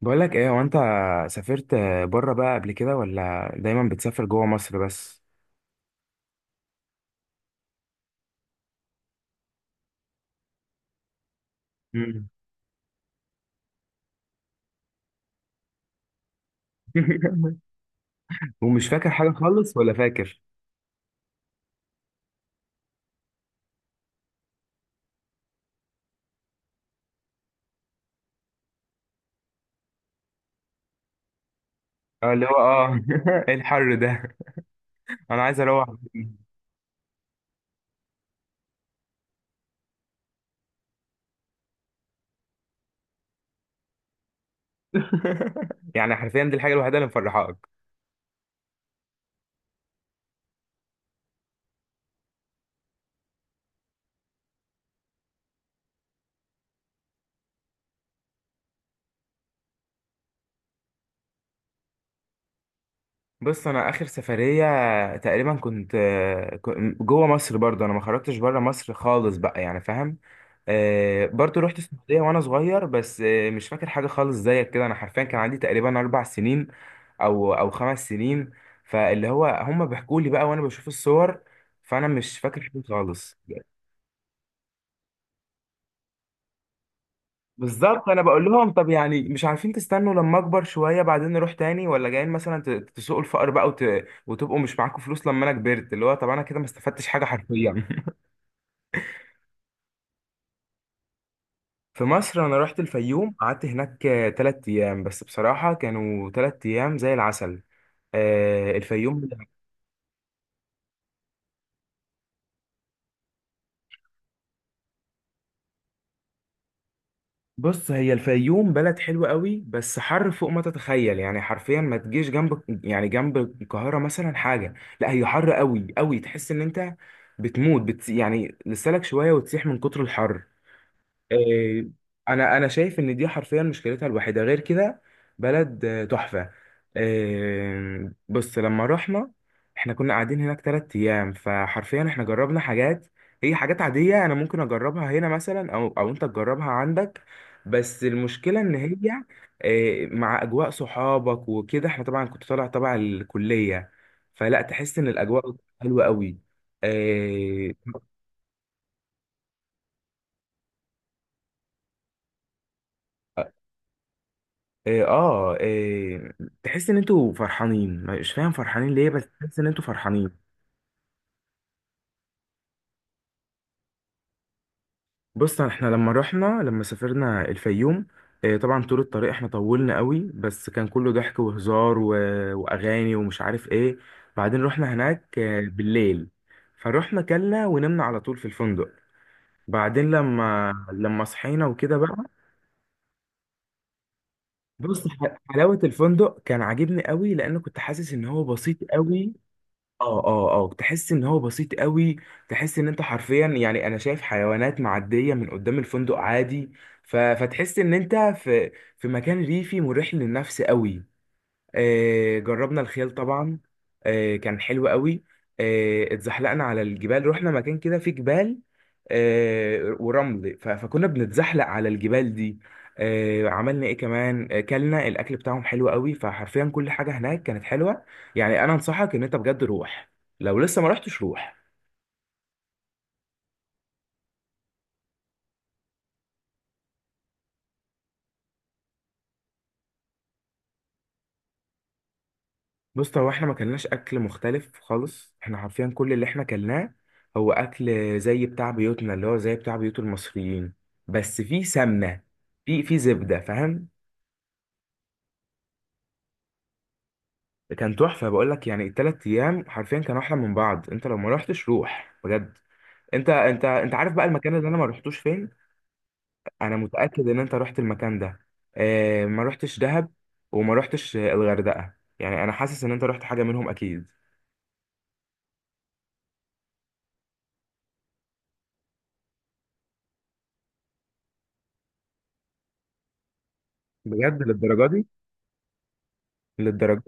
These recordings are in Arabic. بقول لك ايه وانت سافرت بره بقى قبل كده، ولا دايما بتسافر جوه مصر بس؟ مم. ومش فاكر حاجه خالص، ولا فاكر اه اللي هو ايه الحر ده، انا عايز اروح. يعني حرفيا دي الحاجه الوحيده اللي مفرحاك؟ بص، انا اخر سفريه تقريبا كنت جوه مصر برضه، انا ما خرجتش بره مصر خالص بقى، يعني فاهم. برضو رحت السعودية وأنا صغير، بس مش فاكر حاجة خالص زيك كده. أنا حرفيا كان عندي تقريبا 4 سنين أو 5 سنين، فاللي هو هما بيحكوا لي بقى وأنا بشوف الصور، فأنا مش فاكر حاجة خالص. بالظبط أنا بقول لهم، طب يعني مش عارفين تستنوا لما أكبر شوية بعدين نروح تاني؟ ولا جايين مثلا تسوقوا الفقر بقى وتبقوا مش معاكم فلوس لما أنا كبرت؟ اللي هو طب أنا كده ما استفدتش حاجة حرفيا. في مصر أنا رحت الفيوم، قعدت هناك 3 أيام، بس بصراحة كانوا 3 أيام زي العسل. الفيوم. بص هي الفيوم بلد حلوة قوي، بس حر فوق ما تتخيل، يعني حرفيا ما تجيش جنب القاهرة مثلا حاجة. لا هي حر قوي قوي، تحس ان انت بتموت، يعني لسالك شوية وتسيح من كتر الحر. آه، انا شايف ان دي حرفيا مشكلتها الوحيده، غير كده بلد تحفه. بص لما رحنا، احنا كنا قاعدين هناك 3 ايام، فحرفيا احنا جربنا حاجات. هي حاجات عاديه انا ممكن اجربها هنا مثلا، او انت تجربها عندك، بس المشكله ان هي مع اجواء صحابك وكده. احنا طبعا كنت طالع تبع الكليه، فلا تحس ان الاجواء حلوه قوي. آه، إيه إيه، تحس ان انتوا فرحانين، مش فاهم فرحانين ليه، بس تحس ان انتوا فرحانين. بص احنا لما سافرنا الفيوم، إيه طبعا طول الطريق احنا طولنا قوي، بس كان كله ضحك وهزار واغاني ومش عارف ايه. بعدين رحنا هناك بالليل، فروحنا كلنا ونمنا على طول في الفندق. بعدين لما صحينا وكده بقى، بص حلاوة الفندق كان عاجبني قوي لأنه كنت حاسس إن هو بسيط قوي. اه، اه، اه، تحس ان هو بسيط قوي. تحس ان انت حرفيا، يعني انا شايف حيوانات معديه من قدام الفندق عادي، فتحس ان انت في مكان ريفي مريح للنفس قوي. جربنا الخيل طبعا، كان حلو قوي. اتزحلقنا على الجبال، رحنا مكان كده فيه جبال ورمل، فكنا بنتزحلق على الجبال دي. عملنا ايه كمان، كلنا الاكل بتاعهم حلو قوي، فحرفيا كل حاجه هناك كانت حلوه. يعني انا انصحك ان انت بجد روح، لو لسه ما رحتش روح. بص هو احنا ما كلناش اكل مختلف خالص، احنا حرفيا كل اللي احنا كلناه هو اكل زي بتاع بيوتنا، اللي هو زي بتاع بيوت المصريين، بس في سمنه، في زبده، فاهم. كان تحفه، بقول لك يعني الثلاث ايام حرفيا كانوا احلى من بعض، انت لو ما رحتش روح بجد. انت عارف بقى المكان اللي انا ما رحتوش فين؟ انا متاكد ان انت رحت المكان ده. اه، ما رحتش دهب، وما رحتش الغردقه، يعني انا حاسس ان انت رحت حاجه منهم اكيد. بجد للدرجه دي؟ للدرجه.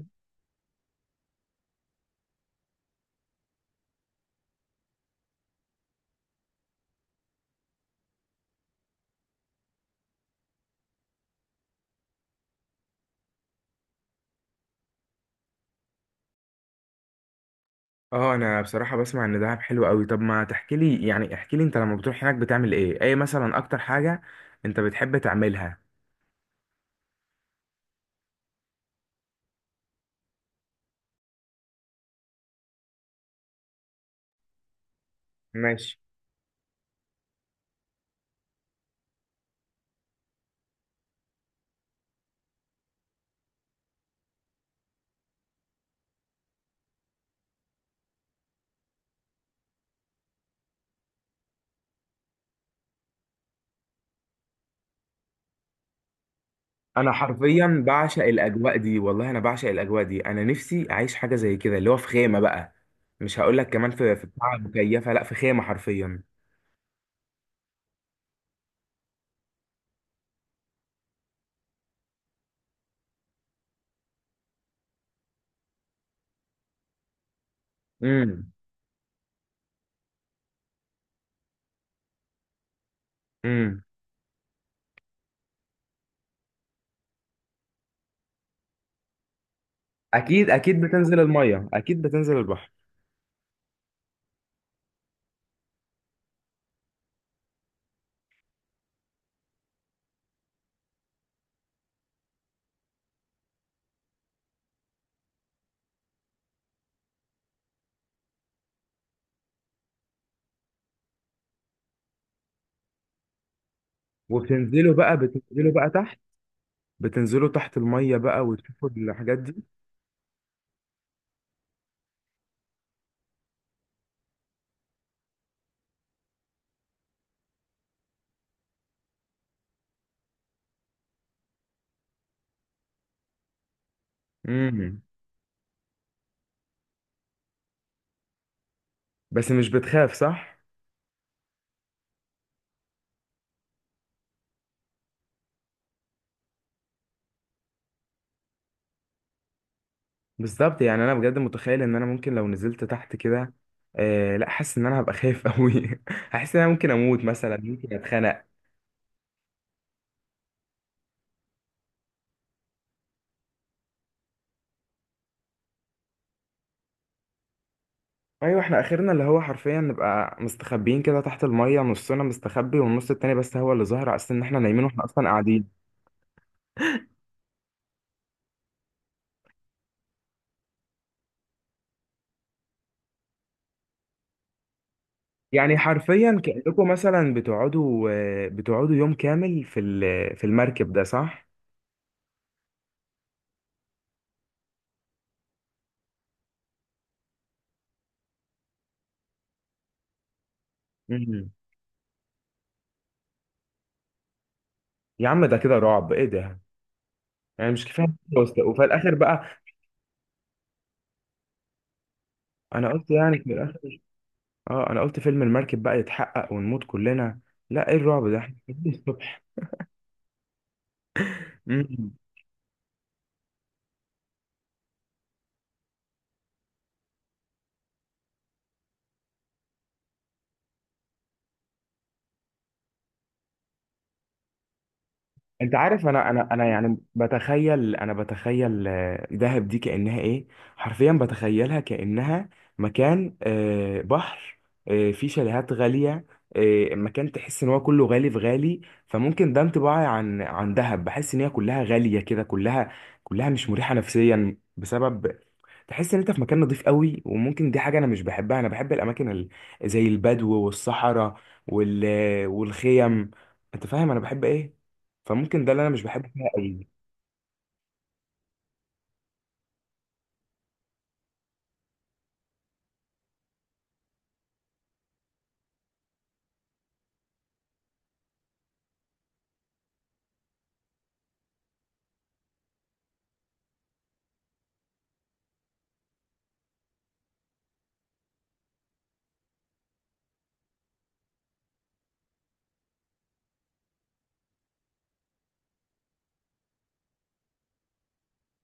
اه انا بصراحه بسمع ان دهب حلو قوي، طب ما تحكي لي، يعني احكي لي انت لما بتروح هناك بتعمل ايه، ايه مثلا اكتر حاجه انت بتحب تعملها؟ ماشي. انا حرفيا بعشق الاجواء دي، والله انا بعشق الاجواء دي، انا نفسي اعيش حاجه زي كده، اللي هو في خيمه بقى، مش هقول لك كمان في بتاع مكيفه، لا في خيمه حرفيا. امم امم اكيد اكيد بتنزل الميه، اكيد بتنزل البحر. وبتنزلوا بقى، بتنزلوا بقى تحت، بتنزلوا تحت الميه بقى وتشوفوا الحاجات دي. امم بس مش بتخاف، صح؟ بالظبط، يعني انا بجد متخيل ان انا ممكن لو نزلت تحت كده، لا حاسس ان انا هبقى خايف قوي. هحس ان انا ممكن اموت مثلا، ممكن اتخنق. ايوه احنا اخرنا اللي هو حرفيا نبقى مستخبيين كده تحت الميه، نصنا مستخبي والنص التاني بس هو اللي ظاهر، على اساس ان احنا نايمين واحنا اصلا قاعدين. يعني حرفيا كأنكم مثلا بتقعدوا يوم كامل في في المركب ده، صح؟ مم. يا عم ده كده رعب، ايه ده؟ يعني مش كفايه، وفي الاخر بقى، انا قلت يعني اه انا قلت فيلم المركب بقى يتحقق ونموت كلنا. لا ايه الرعب ده، احنا قاعدين الصبح. مم. انت عارف، انا يعني بتخيل دهب دي كانها ايه، حرفيا بتخيلها كانها مكان بحر فيه شاليهات غاليه، مكان تحس ان هو كله غالي في غالي. فممكن ده انطباعي عن دهب، بحس ان هي كلها غاليه كده، كلها مش مريحه نفسيا، بسبب تحس ان انت في مكان نضيف قوي، وممكن دي حاجه انا مش بحبها. انا بحب الاماكن زي البدو والصحراء، وال والخيم، انت فاهم انا بحب ايه. فممكن ده اللي انا مش بحبه فيها قوي.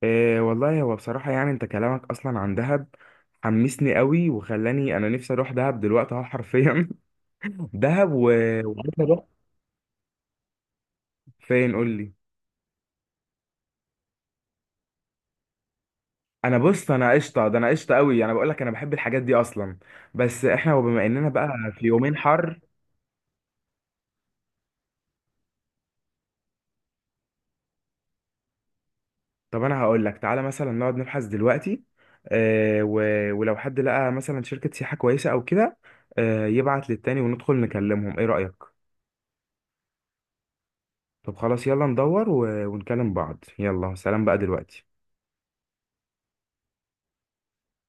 إيه والله، هو بصراحة يعني انت كلامك اصلا عن دهب حمسني قوي، وخلاني انا نفسي اروح دهب دلوقتي اهو، حرفيا. دهب وعايز اروح فين؟ قول لي. بص انا قشطه، ده انا قشطه قوي، انا بقول لك انا بحب الحاجات دي اصلا، بس احنا وبما اننا بقى في يومين حر. طب انا هقول لك، تعالى مثلا نقعد نبحث دلوقتي، إيه ولو حد لقى مثلا شركة سياحة كويسة او كده، إيه يبعت للتاني وندخل نكلمهم، ايه رأيك؟ طب خلاص يلا ندور، ونكلم بعض، يلا سلام بقى دلوقتي.